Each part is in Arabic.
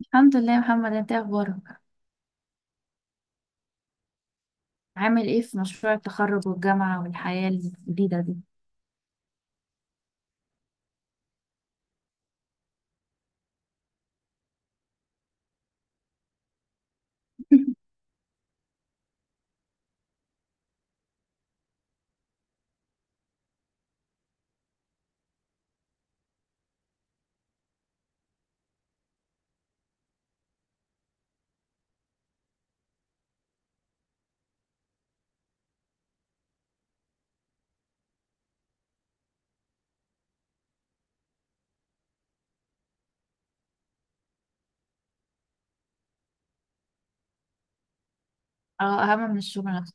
الحمد لله يا محمد، انت ايه اخبارك؟ عامل ايه في مشروع التخرج والجامعة والحياة الجديدة دي؟ اه، اهم من الشغل نفسه.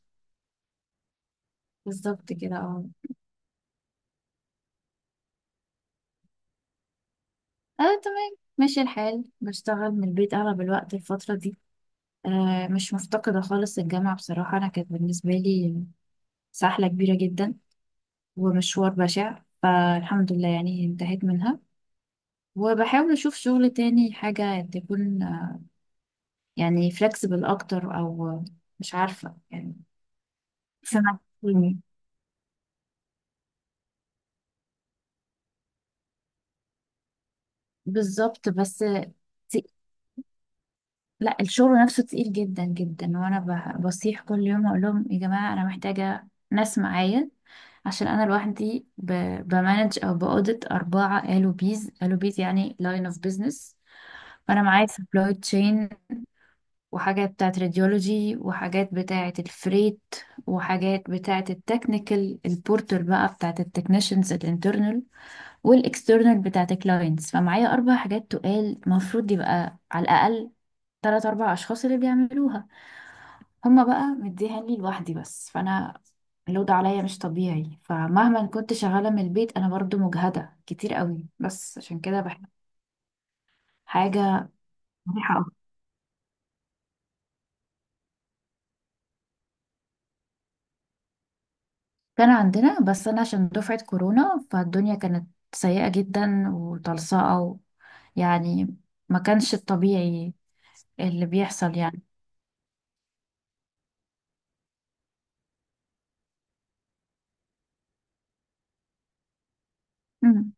بالظبط كده، اه. اه، تمام، ماشي الحال، بشتغل من البيت اغلب الوقت الفترة دي. مش مفتقدة خالص الجامعة بصراحة، انا كانت بالنسبة لي سحلة كبيرة جدا ومشوار بشع، فالحمد لله يعني انتهيت منها. وبحاول اشوف شغل تاني، حاجة تكون يعني فلكسبل اكتر، او مش عارفة يعني. سمك. بالظبط بس. تي- لا، الشغل نفسه تقيل جدا جدا، وانا بصيح كل يوم اقول لهم يا جماعه انا محتاجه ناس معايا، عشان انا لوحدي بمانج او باودت اربعه الو بيز، الو بيز يعني لاين اوف بيزنس. فانا معايا سبلاي تشين، وحاجات بتاعت راديولوجي، وحاجات بتاعت الفريت، وحاجات بتاعت التكنيكال البورتر بقى، بتاعت التكنيشنز الانترنال والاكسترنال بتاعت الكلاينتس. فمعايا اربع حاجات تقال المفروض يبقى على الاقل تلات أربع أشخاص اللي بيعملوها، هما بقى مديها لي لوحدي بس. فأنا اللود عليا مش طبيعي، فمهما كنت شغالة من البيت أنا برضو مجهدة كتير قوي، بس عشان كده بحب حاجة مريحة أكتر. كان عندنا بس أنا عشان دفعة كورونا فالدنيا كانت سيئة جدا وطلصقة يعني ما كانش الطبيعي اللي بيحصل يعني. مم.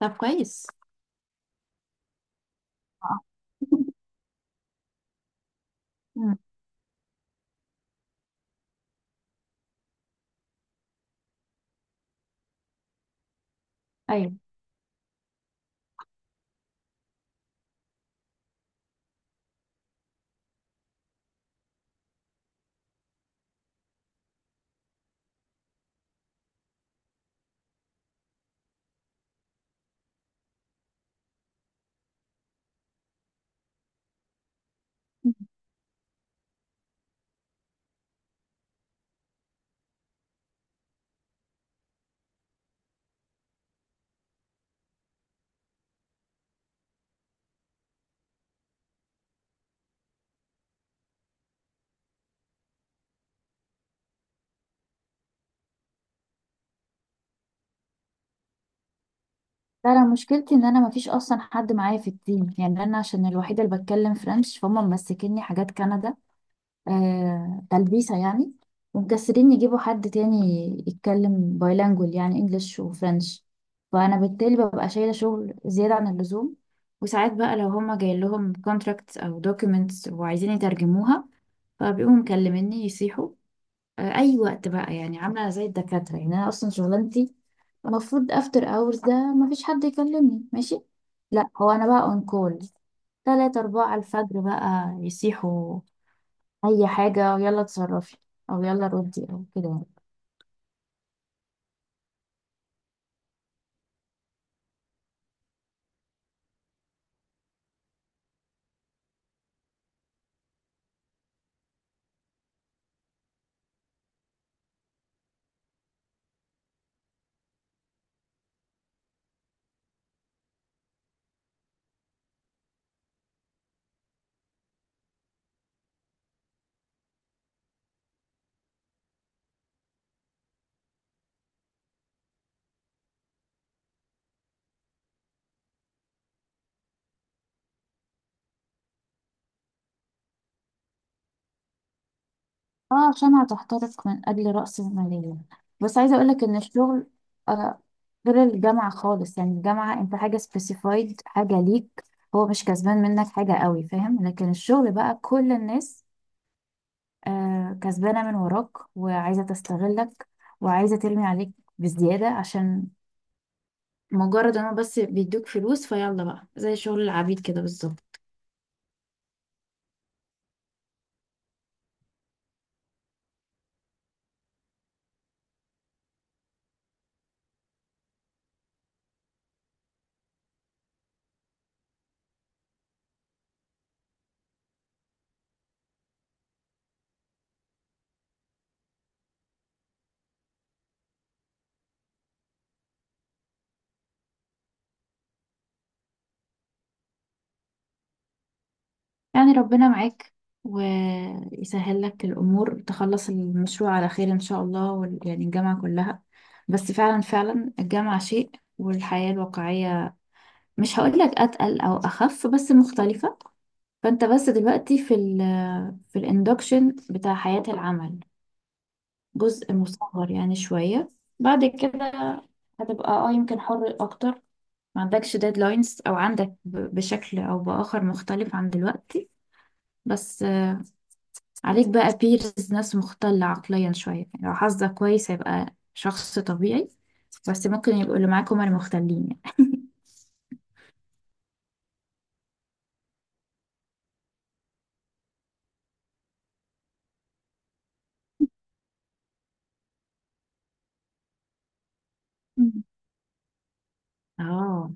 طب كويس. آه. مم. أيوه. لا، انا مشكلتي ان انا مفيش اصلا حد معايا في التيم، يعني انا عشان الوحيده اللي بتكلم فرنش، فهم ممسكيني حاجات كندا تلبيسه يعني. ومكسرين يجيبوا حد تاني يتكلم بايلانجول، يعني انجلش وفرنش. فانا بالتالي ببقى شايله شغل زياده عن اللزوم. وساعات بقى لو هما جاي لهم كونتراكتس او دوكيومنتس وعايزين يترجموها، فبيقوموا مكلميني يصيحوا اي وقت بقى، يعني عامله زي الدكاتره. يعني انا اصلا شغلانتي المفروض افتر اورز ده مفيش حد يكلمني، ماشي؟ لا، هو انا بقى اون كول، تلاتة أربعة الفجر بقى يسيحوا أي حاجة، ويلا اتصرفي، أو يلا ردي، أو كده يعني. اه، عشان هتحترق من أجل رأس المالية. بس عايزة أقولك إن الشغل آه غير الجامعة خالص، يعني الجامعة أنت حاجة سبيسيفايد، حاجة ليك، هو مش كسبان منك حاجة قوي، فاهم؟ لكن الشغل بقى كل الناس كسبانة من وراك، وعايزة تستغلك، وعايزة ترمي عليك بزيادة عشان مجرد ان هو بس بيدوك فلوس، فيلا بقى زي شغل العبيد كده بالظبط. يعني ربنا معاك ويسهل لك الأمور، تخلص المشروع على خير إن شاء الله، يعني الجامعة كلها. بس فعلا فعلا، الجامعة شيء والحياة الواقعية، مش هقولك أتقل أو أخف بس مختلفة. فأنت بس دلوقتي في الإندكشن بتاع حياة العمل، جزء مصغر يعني شوية. بعد كده هتبقى اه يمكن حر أكتر، ما عندكش ديدلاينز، أو عندك بشكل أو بآخر مختلف عن دلوقتي. بس عليك بقى بيرز ناس مختلة عقليا شوية، يعني لو حظك كويس هيبقى شخص طبيعي، بس ممكن يبقوا اللي معاك هما المختلين يعني. مم. اه.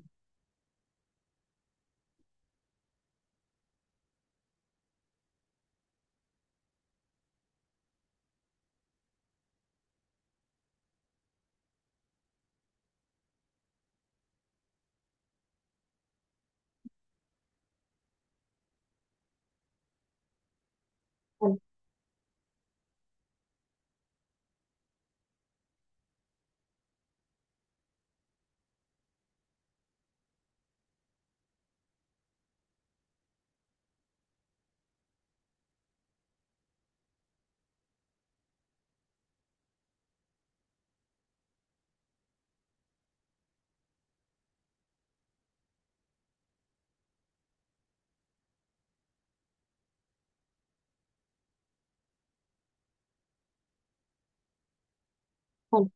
حلو. حلو.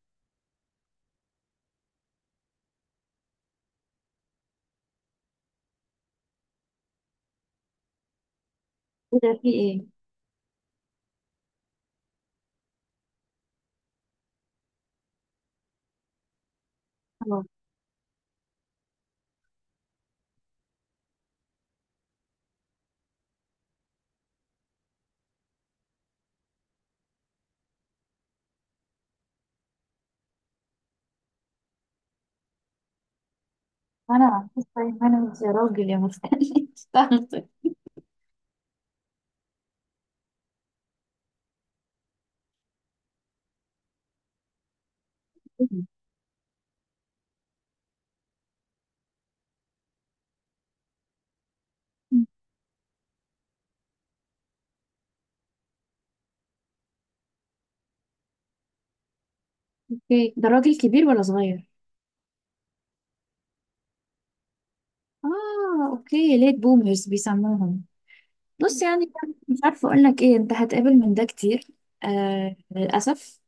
ايه ده، في ايه؟ خلاص. انا عارفه تايم مانجمنت، يا راجل يا مختلف. مم. اوكي، ده راجل كبير ولا صغير؟ اه، اوكي، ليت بومرز بيسموهم. بص يعني، مش عارفه اقول لك ايه، انت هتقابل من ده كتير للاسف،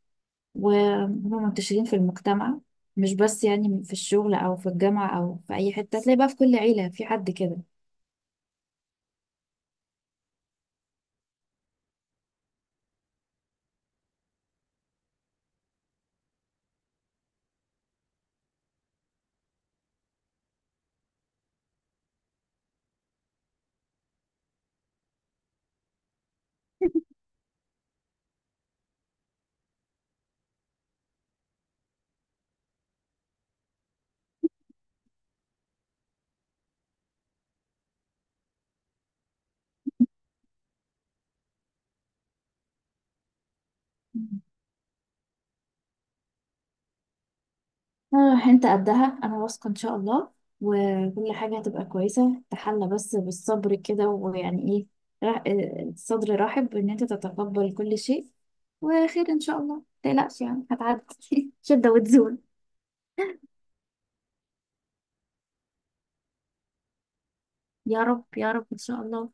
وهم منتشرين في المجتمع، مش بس يعني في الشغل او في الجامعه او في اي حته، تلاقي بقى في كل عيله في حد كده. انت قدها انا واثقه ان شاء الله، وكل حاجه هتبقى كويسه، تحلى بس بالصبر كده ويعني ايه، الصدر رحب ان انت تتقبل كل شيء، وخير ان شاء الله متقلقش، يعني هتعدي شده وتزول. يا رب يا رب إن شاء الله.